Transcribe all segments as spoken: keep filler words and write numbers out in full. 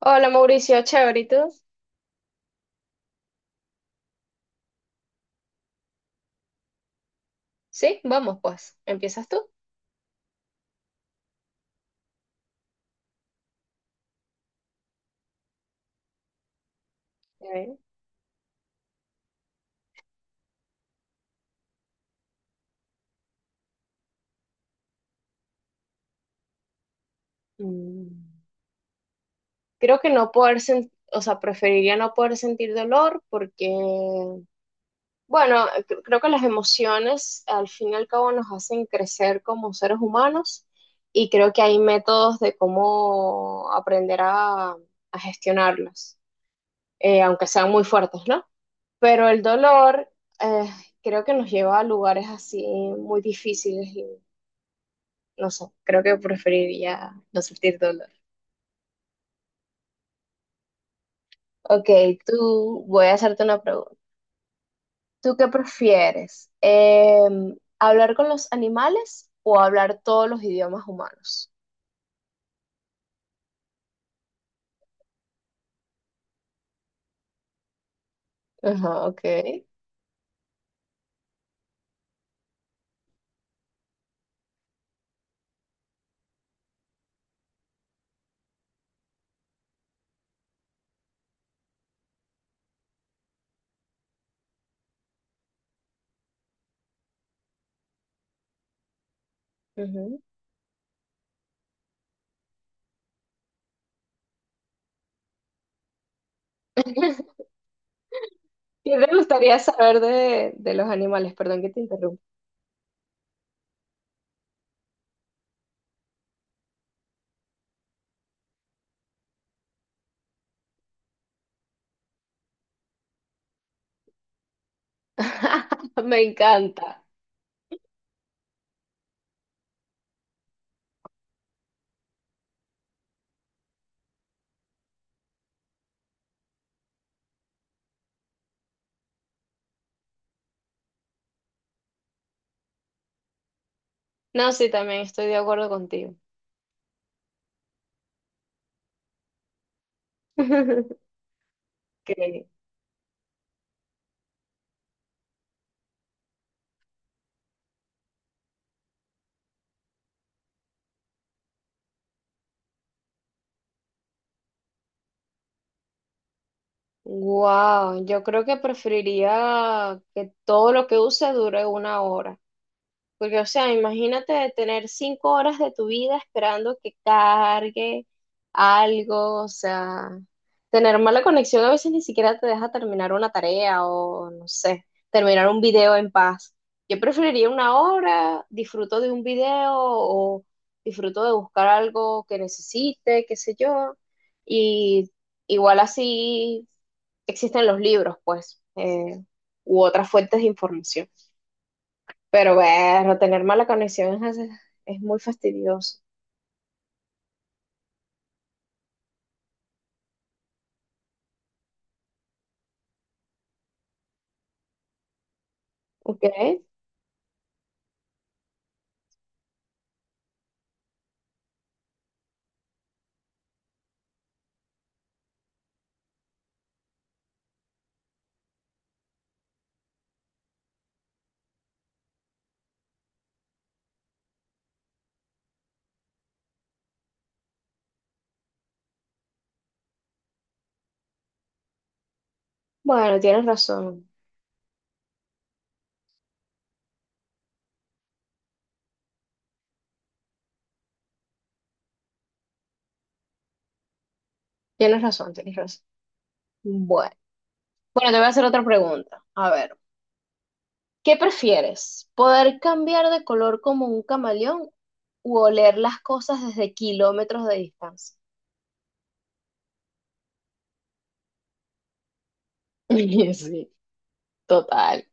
Hola Mauricio, chévere, ¿y tú? Sí, vamos pues, empiezas tú. A ver. Mm, Creo que no poder sentir, o sea, preferiría no poder sentir dolor porque, bueno, cre- creo que las emociones al fin y al cabo nos hacen crecer como seres humanos y creo que hay métodos de cómo aprender a, a gestionarlas, eh, aunque sean muy fuertes, ¿no? Pero el dolor eh, creo que nos lleva a lugares así muy difíciles. No sé, creo que preferiría no sentir dolor. Ok, tú, voy a hacerte una pregunta. ¿Tú qué prefieres? Em, ¿hablar con los animales o hablar todos los idiomas humanos? Ajá, ok. Ujú. ¿Qué te gustaría saber de, de los animales? Perdón que te interrumpa. Me encanta. No, sí, también estoy de acuerdo contigo. Ok. Wow, yo creo que preferiría que todo lo que use dure una hora. Porque, o sea, imagínate tener cinco horas de tu vida esperando que cargue algo, o sea, tener mala conexión a veces ni siquiera te deja terminar una tarea o, no sé, terminar un video en paz. Yo preferiría una hora, disfruto de un video o disfruto de buscar algo que necesite, qué sé yo. Y igual así existen los libros, pues, eh, u otras fuentes de información. Pero bueno, tener mala conexión es, es muy fastidioso. ¿Ok? Bueno, tienes razón. Tienes razón, tienes razón. Bueno. Bueno, te voy a hacer otra pregunta. A ver, ¿qué prefieres? ¿Poder cambiar de color como un camaleón o oler las cosas desde kilómetros de distancia? Sí, total.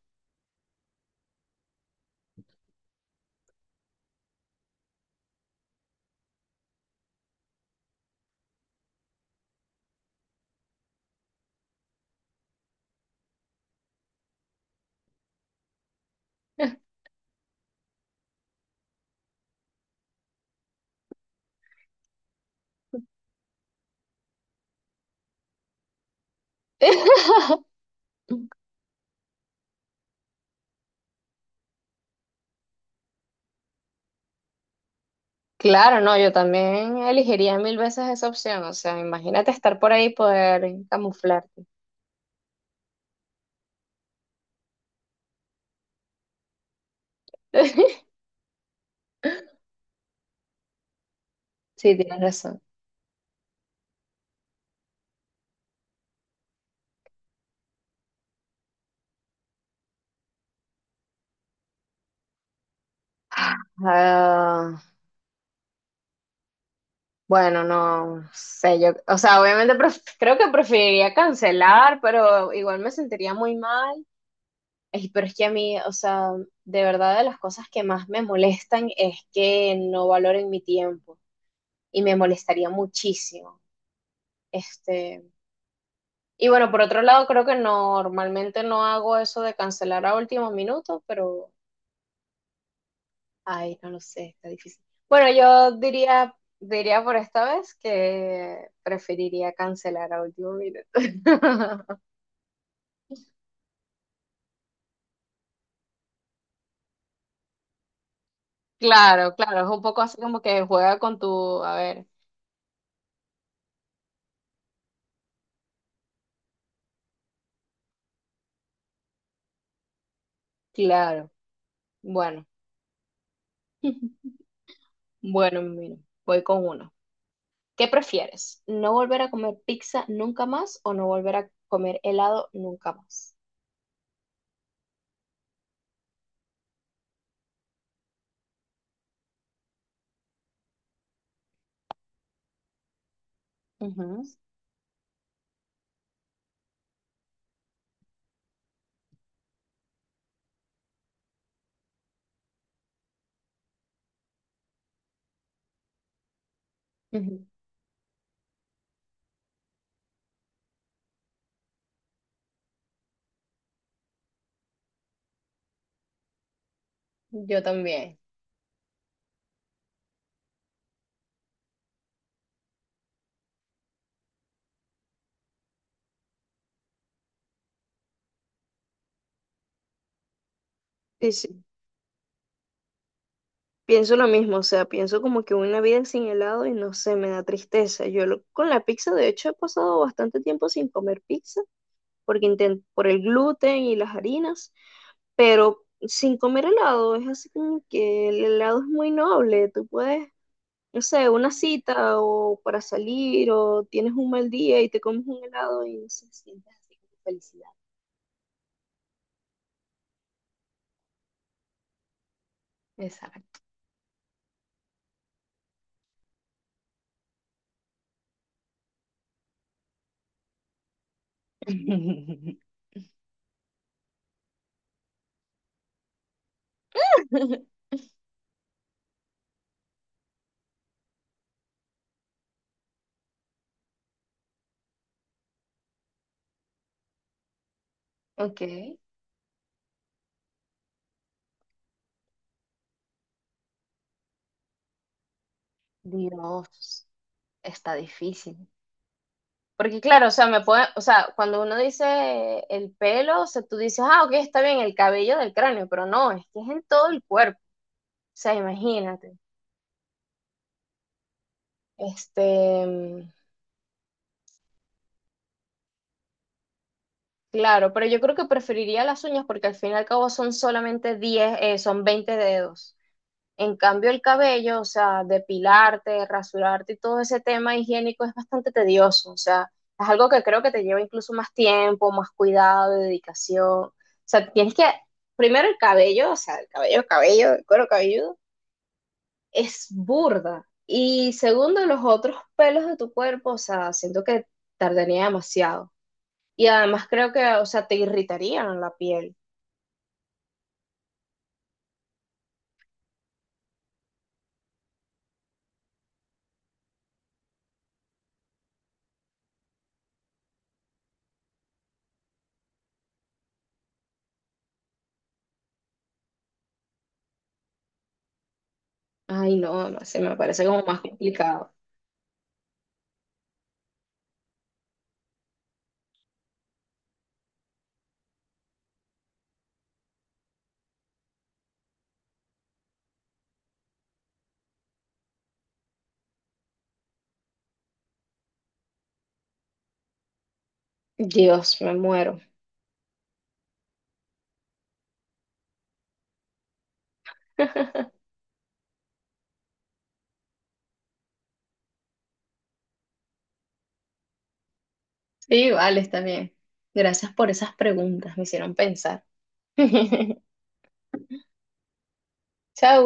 Claro, no, yo también elegiría mil veces esa opción. O sea, imagínate estar por ahí y poder camuflarte. Sí, tienes razón. Ah, bueno, no sé, yo, o sea, obviamente pref- creo que preferiría cancelar, pero igual me sentiría muy mal. Ey, pero es que a mí, o sea, de verdad de las cosas que más me molestan es que no valoren mi tiempo y me molestaría muchísimo. Este, y bueno, por otro lado, creo que normalmente no hago eso de cancelar a último minuto, pero ay, no lo sé, está difícil. Bueno, yo diría, diría por esta vez que preferiría cancelar a último minuto. Claro, claro, es un poco así como que juega con tu, a ver, claro, bueno, bueno, mira, voy con uno. ¿Qué prefieres? ¿No volver a comer pizza nunca más o no volver a comer helado nunca más? Ujú, ujú. Yo también. Sí, sí. Pienso lo mismo, o sea, pienso como que una vida sin helado y no sé, me da tristeza. Yo lo- con la pizza, de hecho, he pasado bastante tiempo sin comer pizza porque inten- por el gluten y las harinas, pero sin comer helado es así como que el helado es muy noble. Tú puedes, no sé, una cita o para salir o tienes un mal día y te comes un helado y no sé, sientes así como felicidad. Exacto. Ok, Dios, está difícil. Porque claro, o sea, me puede, o sea, cuando uno dice el pelo, o sea, tú dices, ah, ok, está bien, el cabello del cráneo, pero no, es que es en todo el cuerpo. O sea, imagínate. Este, claro, pero yo creo que preferiría las uñas porque al fin y al cabo son solamente diez, eh, son veinte dedos. En cambio, el cabello, o sea, depilarte, rasurarte y todo ese tema higiénico es bastante tedioso, o sea, es algo que creo que te lleva incluso más tiempo, más cuidado, dedicación. O sea, tienes que, primero el cabello, o sea, el cabello, cabello, el cuero cabelludo, es burda. Y segundo, los otros pelos de tu cuerpo, o sea, siento que tardaría demasiado. Y además creo que, o sea, te irritarían la piel. Ay, no, no sé, me parece como más complicado. Dios, me muero. Sí, vale, está bien. Gracias por esas preguntas, me hicieron pensar. Chau.